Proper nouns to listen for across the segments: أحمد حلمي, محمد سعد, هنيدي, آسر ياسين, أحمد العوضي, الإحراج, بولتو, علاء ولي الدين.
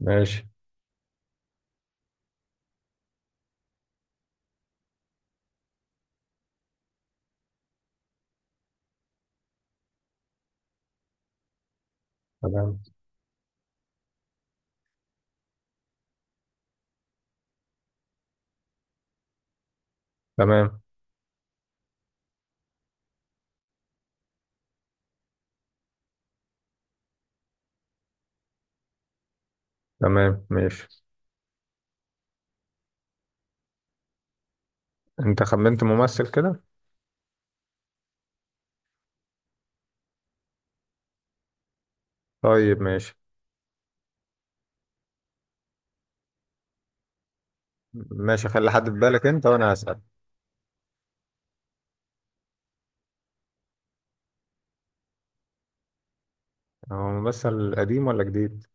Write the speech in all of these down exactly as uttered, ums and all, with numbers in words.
ماشي. تمام تمام تمام ماشي. انت خمنت ممثل كده؟ طيب ماشي. ماشي، خلي حد في بالك انت وانا هسأل. هو ممثل قديم ولا جديد؟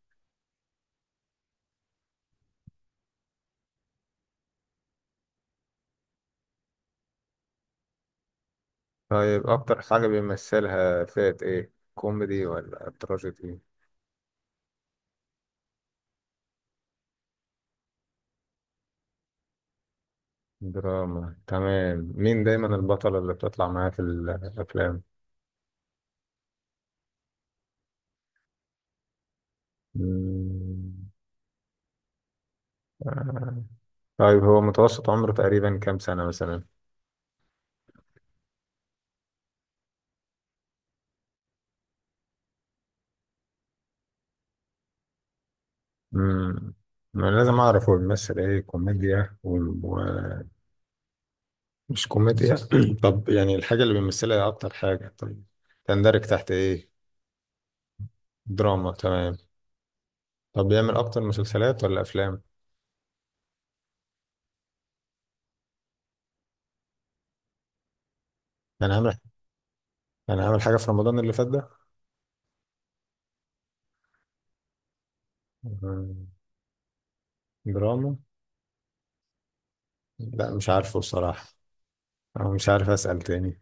طيب اكتر حاجة بيمثلها فئة ايه، كوميدي ولا تراجيدي؟ دراما، تمام. مين دايما البطلة اللي بتطلع معاه في الافلام؟ مم. آه. طيب هو متوسط عمره تقريبا كام سنة مثلا؟ امم ما أنا لازم اعرف هو بيمثل ايه، كوميديا و... مش كوميديا. طب يعني الحاجة اللي بيمثلها هي أكتر حاجة، طب تندرج تحت إيه؟ دراما، تمام. طب بيعمل أكتر مسلسلات ولا أفلام؟ يعني عامل، يعني عامل حاجة في رمضان اللي فات ده؟ مم، دراما؟ لا مش عارفه بصراحة، أو مش عارف. أسأل تاني.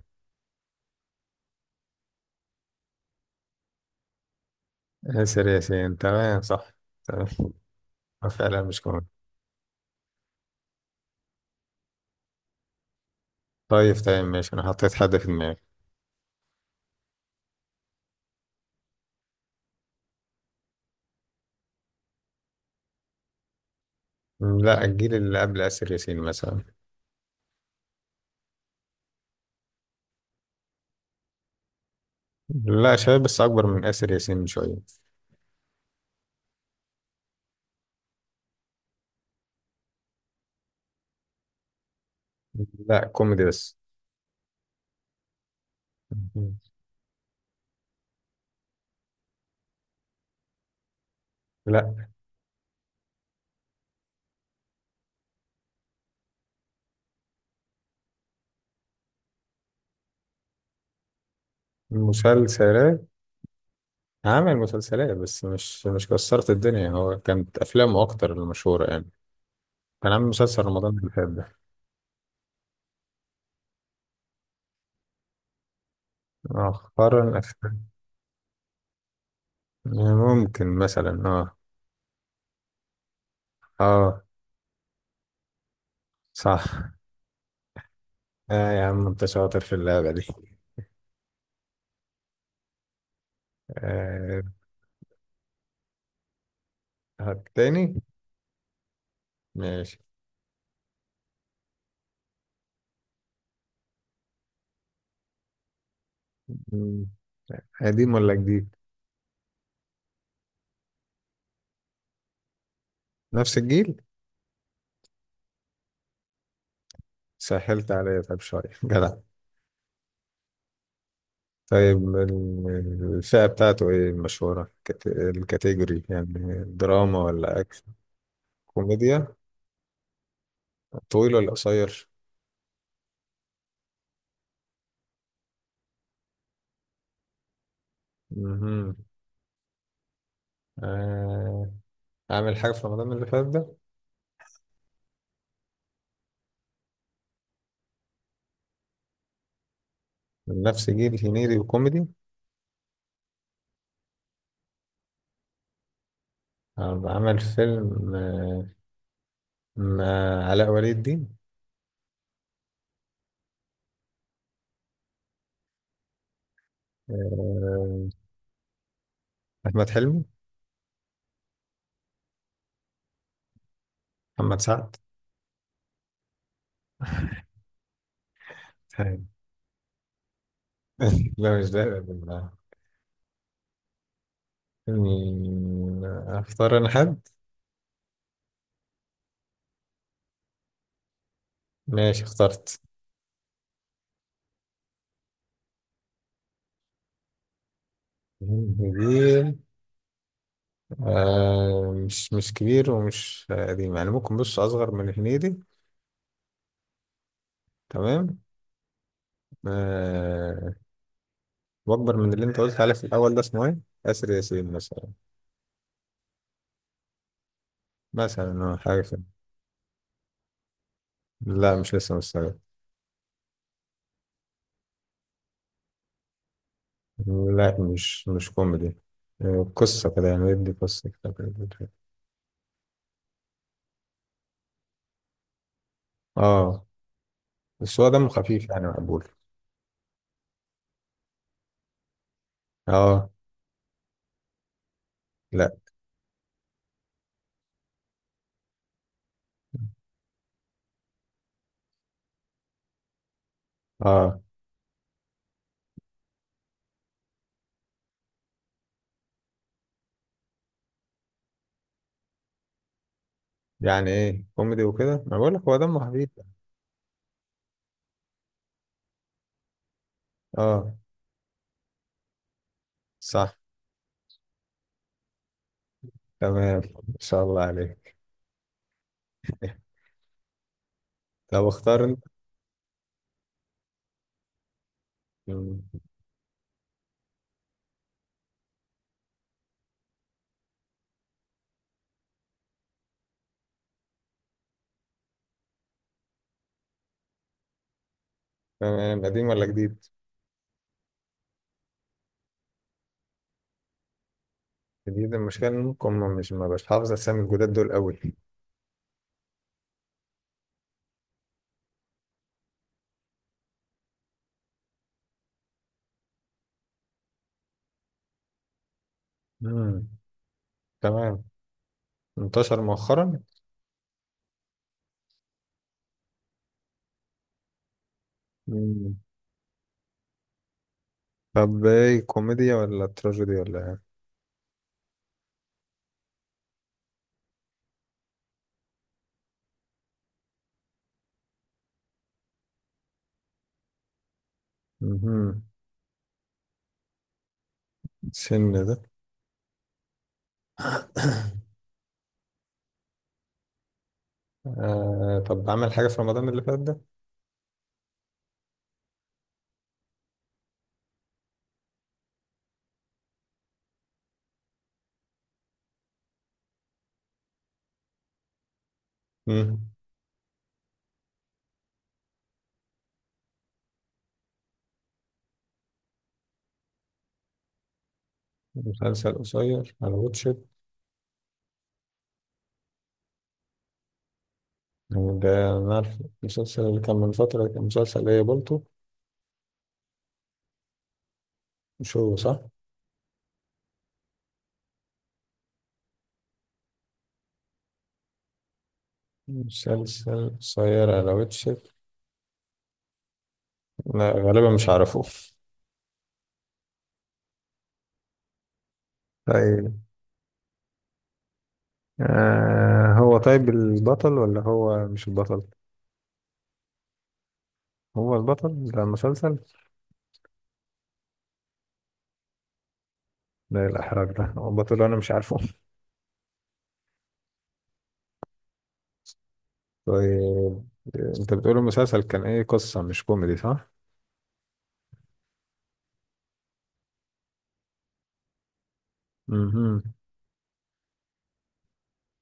آسر ياسين، تمام صح. تمام. آه، فعلا مش كوميدي. طيب تمام، ماشي. أنا حطيت حد في دماغي. مم، لا الجيل اللي قبل آسر ياسين مثلا. لا شباب بس أكبر من آسر ياسين بشوية. لا كوميدي بس. مم. لا، مسلسلات. عامل مسلسلات بس مش مش كسرت الدنيا، هو كانت افلامه اكتر المشهوره يعني. كان عامل مسلسل رمضان اللي فات ده. مؤخرا افلام. ممكن مثلا اه. اه صح. اه يا عم انت شاطر في اللعبه دي. آه. هات تاني. ماشي. مم. قديم ولا جديد؟ نفس الجيل. سهلت عليا طيب شويه. جدع. طيب ال- الفئه بتاعته ايه المشهوره، كت- الكاتيجوري يعني، دراما ولا اكشن؟ كوميديا. طويل ولا قصير؟ مهم. آه، عامل حاجة في رمضان اللي فات ده؟ من نفس جيل هنيدي وكوميدي. آه، عمل فيلم آه، مع علاء ولي الدين. آه، أحمد حلمي؟ محمد سعد. هاي. لا مش ده بالله. مين اختار، انا حد؟ ماشي، اخترت. كبير؟ آه مش مش كبير ومش قديم يعني، ممكن بص اصغر من هنيدي. تمام. آه، واكبر من اللي انت قلت عليه في الاول ده، اسمه ايه، اسر ياسين مثلا. مثلا أو حاجه كده. لا مش لسه مستعد. لا مش مش كوميدي. آه، قصه كده يعني، يدي قصه كده كده كده. اه بس هو دمه خفيف يعني، مقبول. اه. لا. اه يعني ايه، كوميدي وكده، ما بقول لك هو دمه خفيف. اه. صح. تمام، ما شاء الله عليك. طب اختار انت. مم، تمام. قديم ولا جديد؟ جديد، المشكله انكم مش ما بش حافظ اسامي الجداد دول قوي. امم. تمام، انتشر مؤخرا. مم. طب ايه، كوميديا ولا تراجيدي ولا ايه؟ مهم. السن ده. آه طب عمل حاجة في رمضان اللي فات ده؟ مم. مسلسل قصير على واتشت، ده أنا عارف. المسلسل اللي كان من فترة كان مسلسل ايه، بولتو، مش هو؟ صح، مسلسل قصير على واتشت. لا غالبا مش عارفه. طيب آه هو طيب البطل ولا هو مش البطل؟ هو البطل بتاع المسلسل؟ ده الإحراج، ده بطل أنا مش عارفه. طيب أنت بتقول المسلسل كان إيه، قصة، مش كوميدي صح؟ مهم.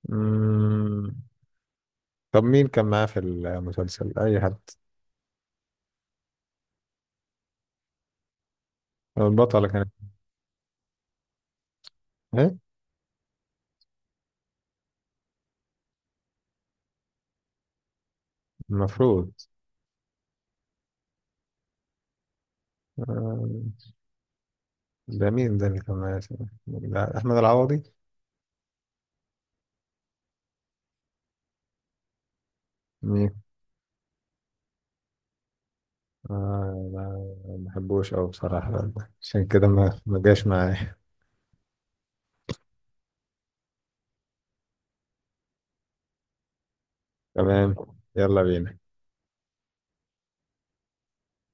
مم. طب مين كان معاه في المسلسل؟ أي حد. البطلة كانت إيه؟ المفروض. آه، ده مين ده اللي كان معاه؟ لا، أحمد العوضي؟ مين؟ آه لا، ما بحبوش أوي بصراحة، عشان كده ما ما جاش معايا. تمام، يلا بينا.